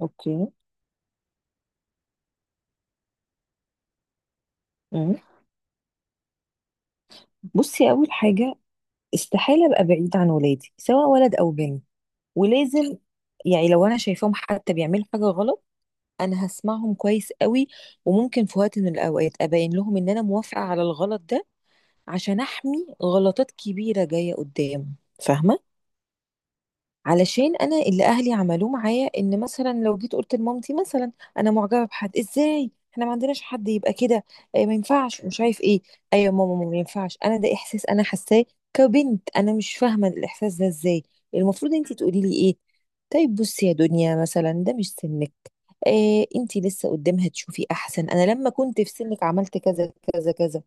اوكي. مم. بصي اول حاجه، استحاله ابقى بعيد عن ولادي سواء ولد او بنت. ولازم يعني لو انا شايفاهم حتى بيعملوا حاجه غلط، انا هسمعهم كويس قوي، وممكن في وقت من الاوقات ابين لهم ان انا موافقه على الغلط ده عشان احمي غلطات كبيره جايه قدام. فاهمه؟ علشان انا اللي اهلي عملوه معايا ان مثلا لو جيت قلت لمامتي مثلا انا معجبه بحد، ازاي؟ احنا ما عندناش حد يبقى كده. آه، ما ينفعش ومش عارف ايه. ايوه يا ماما، ما ينفعش؟ انا ده احساس انا حاساه كبنت، انا مش فاهمه الاحساس ده ازاي. المفروض انت تقولي لي ايه. طيب بصي يا دنيا، مثلا ده مش سنك، إيه انت لسه قدامها، تشوفي احسن انا لما كنت في سنك عملت كذا كذا كذا.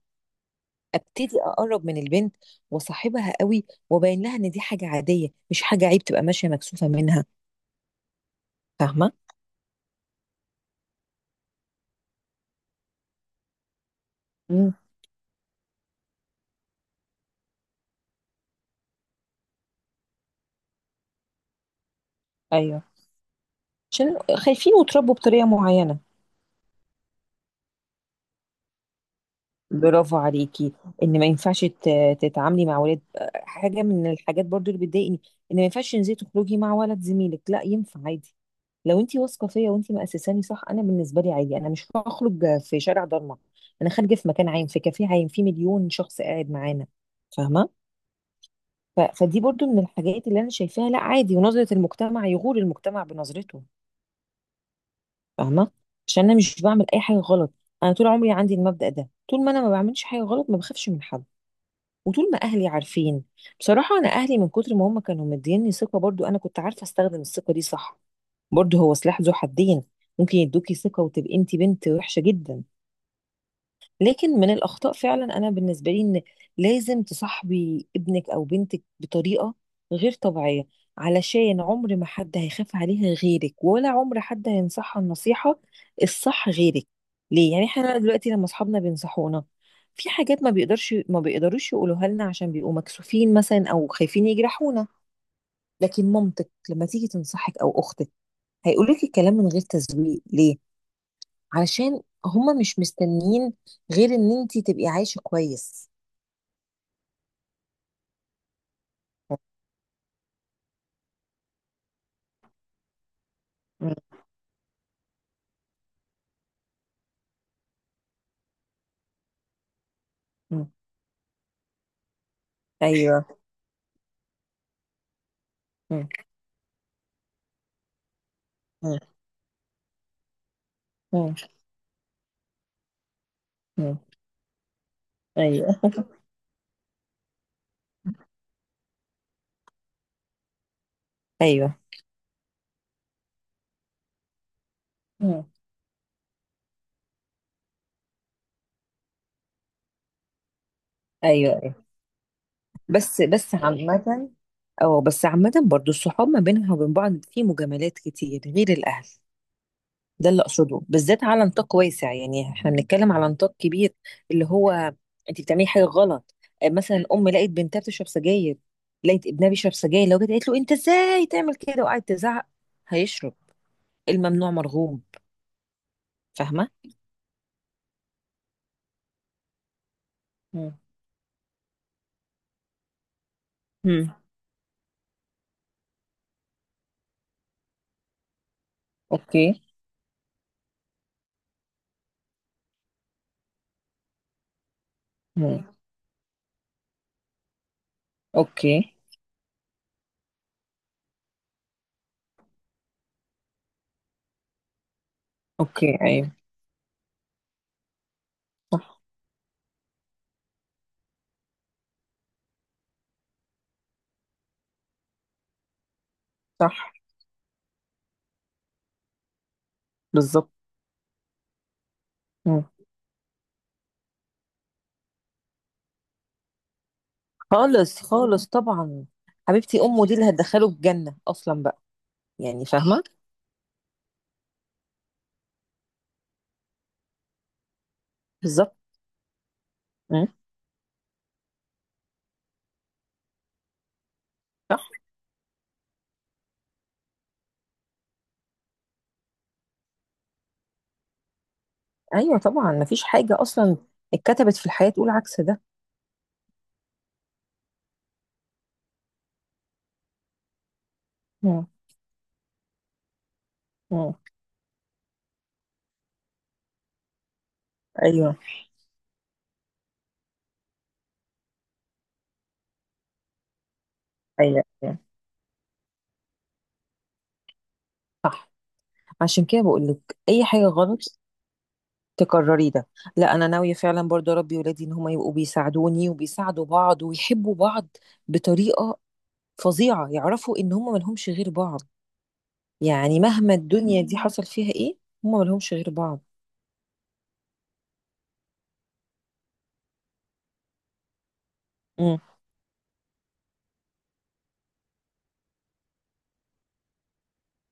ابتدي اقرب من البنت وصاحبها قوي، وبين لها ان دي حاجه عاديه، مش حاجه عيب تبقى ماشيه مكسوفه منها. فاهمة. مم. ايوه، عشان خايفين وتربوا بطريقة معينة. برافو عليكي. ان ما ينفعش تتعاملي مع ولاد. حاجة من الحاجات برضو اللي بتضايقني، ان ما ينفعش تنزلي تخرجي مع ولد زميلك، لا ينفع عادي. لو انتي واثقة فيا وانتي مأسساني صح، انا بالنسبة لي عادي، انا مش هخرج في شارع ضلمة، انا خارجة في مكان عام، في كافيه عام، في مليون شخص قاعد معانا. فاهمة؟ فدي برضو من الحاجات اللي انا شايفاها لا عادي، ونظرة المجتمع يغور المجتمع بنظرته. فاهمه؟ عشان انا مش بعمل اي حاجه غلط. انا طول عمري عندي المبدأ ده، طول ما انا ما بعملش حاجه غلط، ما بخافش من حد. وطول ما اهلي عارفين. بصراحه انا اهلي من كتر ما هم كانوا مديني ثقه، برضو انا كنت عارفه استخدم الثقه دي صح. برضو هو سلاح ذو حدين، ممكن يدوكي ثقه وتبقي انت بنت وحشه جدا. لكن من الأخطاء فعلا أنا بالنسبة لي، إن لازم تصاحبي ابنك أو بنتك بطريقة غير طبيعية، علشان عمر ما حد هيخاف عليها غيرك، ولا عمر حد هينصحها النصيحة الصح غيرك. ليه يعني احنا دلوقتي لما أصحابنا بينصحونا، في حاجات ما بيقدرش، ما بيقدروش يقولوها لنا عشان بيبقوا مكسوفين مثلا أو خايفين يجرحونا. لكن مامتك لما تيجي تنصحك أو أختك هيقولك الكلام من غير تزويق. ليه؟ علشان هما مش مستنيين غير ان انتي تبقي عايشة كويس. مم. مم. ايوه. مم. مم. مم. مم. ايوه. ايوه. مم. ايوه ايوه. بس بس عامة، او بس عامة برضو، الصحاب ما بينها وبين بعض في مجاملات كتير غير الاهل. ده اللي اقصده، بالذات على نطاق واسع، يعني احنا بنتكلم على نطاق كبير. اللي هو انت بتعملي حاجه غلط. آه، مثلا لقيت بنتها بتشرب سجاير، لقيت ابنها بيشرب سجاير، لو جت قالت له انت ازاي تعمل كده وقعدت تزعق، هيشرب. الممنوع مرغوب. فاهمه. مم. مم. اوكي. مم. اوكي. اوكي. ايوه. صح. صح. بالظبط. مم. خالص خالص طبعا. حبيبتي، امه دي اللي هتدخله الجنه اصلا بقى. يعني فاهمه. بالظبط. مم. ايوه طبعا، مفيش حاجه اصلا اتكتبت في الحياه تقول عكس ده. مم. مم. ايوه. ايوه أيوة. صح. عشان كده بقول لك اي حاجه غلط تكرري ده. لا، انا ناويه فعلا برضه اربي ولادي ان هم يبقوا بيساعدوني وبيساعدوا بعض ويحبوا بعض بطريقه فظيعه، يعرفوا ان هم ملهمش غير بعض. يعني مهما الدنيا دي حصل فيها ايه، هم ملهمش غير بعض. مم.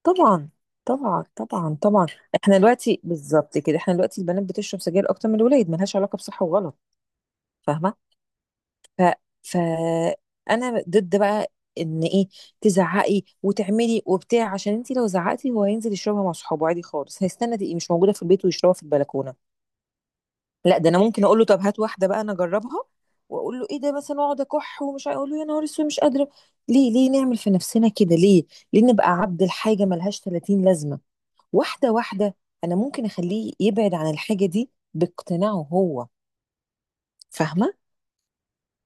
طبعا. طبعا طبعا طبعا. احنا دلوقتي بالظبط كده، احنا دلوقتي البنات بتشرب سجاير اكتر من الولاد، ملهاش علاقه بصح وغلط. فاهمه. ف فانا ضد بقى ان ايه، تزعقي وتعملي وبتاع، عشان انت لو زعقتي هو هينزل يشربها مع صحابه عادي خالص، هيستنى تبقي مش موجوده في البيت ويشربها في البلكونه. لا، ده انا ممكن اقول له طب هات واحده بقى انا اجربها، واقول له ايه ده مثلا، واقعد اكح اقول له يا نهار اسود مش قادره. ليه؟ ليه نعمل في نفسنا كده؟ ليه ليه نبقى عبد الحاجه، ملهاش 30 لازمه؟ واحده واحده انا ممكن اخليه يبعد عن الحاجه دي باقتناعه هو. فاهمه.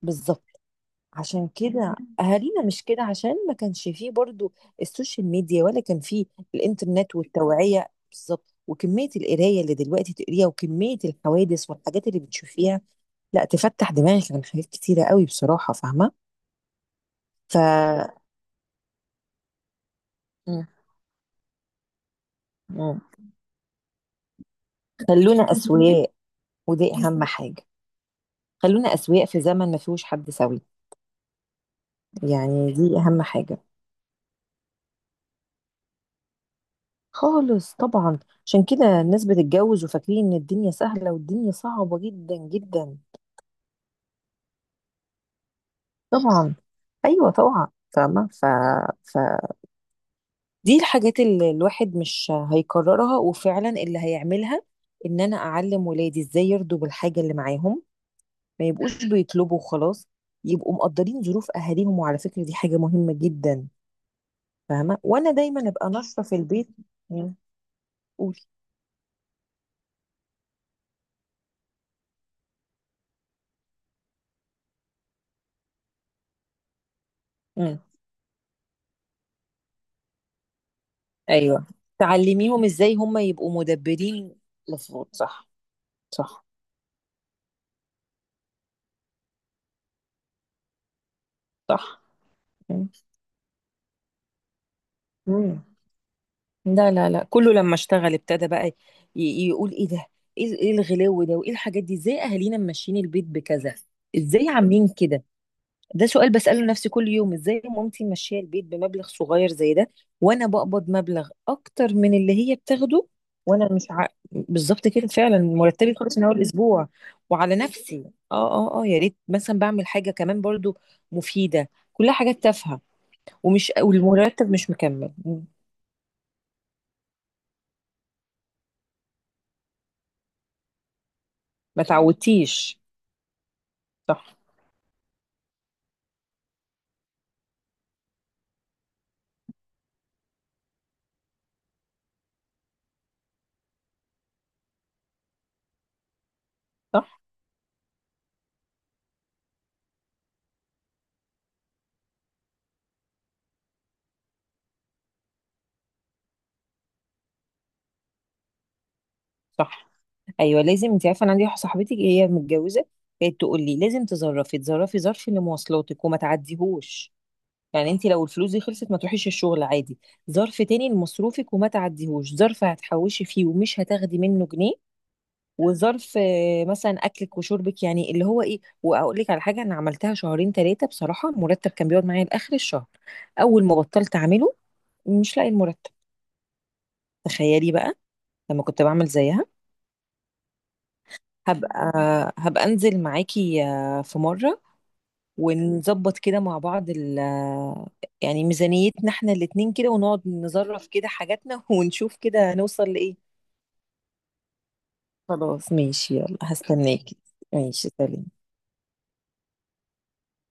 بالظبط، عشان كده اهالينا مش كده، عشان ما كانش فيه برضو السوشيال ميديا، ولا كان فيه الانترنت والتوعية، بالظبط، وكمية القراية اللي دلوقتي تقريها وكمية الحوادث والحاجات اللي بتشوفيها، لا تفتح دماغك عن حاجات كتيرة قوي بصراحة. فاهمة. ف مم. مم. خلونا أسوياء، ودي أهم حاجة. خلونا أسوياء في زمن ما فيهوش حد سوي. يعني دي أهم حاجة. خالص طبعا. عشان كده الناس بتتجوز وفاكرين ان الدنيا سهلة، والدنيا صعبة جدا جدا. طبعا. ايوه طبعا فاهمه ف... دي الحاجات اللي الواحد مش هيكررها، وفعلا اللي هيعملها ان انا اعلم ولادي ازاي يرضوا بالحاجه اللي معاهم، ما يبقوش بيطلبوا وخلاص، يبقوا مقدرين ظروف اهاليهم. وعلى فكره دي حاجه مهمه جدا. فاهمه. وانا دايما ابقى ناشفه في البيت. مم. قولي. مم. ايوه، تعلميهم ازاي هم يبقوا مدبرين، مفروض. صح. صح. صح. مم. مم. لا لا لا، كله لما اشتغل ابتدى بقى يقول ايه ده، ايه إيه الغلو ده، وايه الحاجات دي، ازاي اهالينا ماشيين البيت بكذا، ازاي عاملين كده. ده سؤال بسأله لنفسي كل يوم: ازاي مامتي ماشيه البيت بمبلغ صغير زي ده، وانا بقبض مبلغ اكتر من اللي هي بتاخده، وانا مش ع... بالظبط كده فعلا، مرتبي خلص من اول اسبوع وعلى نفسي. اه اه اه. يا ريت مثلا بعمل حاجه كمان برضو مفيده، كلها حاجات تافهه، ومش والمرتب مش مكمل. ما تعودتيش. صح. صح. صح. ايوه. لازم، انت عارفه، انا عندي واحده صاحبتي هي متجوزه، كانت تقول لي لازم تظرفي تظرفي، ظرف لمواصلاتك وما تعديهوش، يعني انت لو الفلوس دي خلصت ما تروحيش الشغل عادي. ظرف تاني لمصروفك وما تعديهوش، ظرف هتحوشي فيه ومش هتاخدي منه جنيه، وظرف آه، مثلا اكلك وشربك، يعني اللي هو ايه. واقول لك على حاجه، انا عملتها شهرين ثلاثه، بصراحه المرتب كان بيقعد معايا لاخر الشهر. اول ما بطلت اعمله مش لاقي المرتب. تخيلي بقى لما كنت بعمل زيها. هبقى هبقى انزل معاكي آه، في مرة ونظبط كده مع بعض ال آه، يعني ميزانيتنا احنا الاتنين كده، ونقعد نظرف كده حاجاتنا ونشوف كده نوصل لإيه. خلاص ماشي، يلا هستناكي. ماشي، سلام.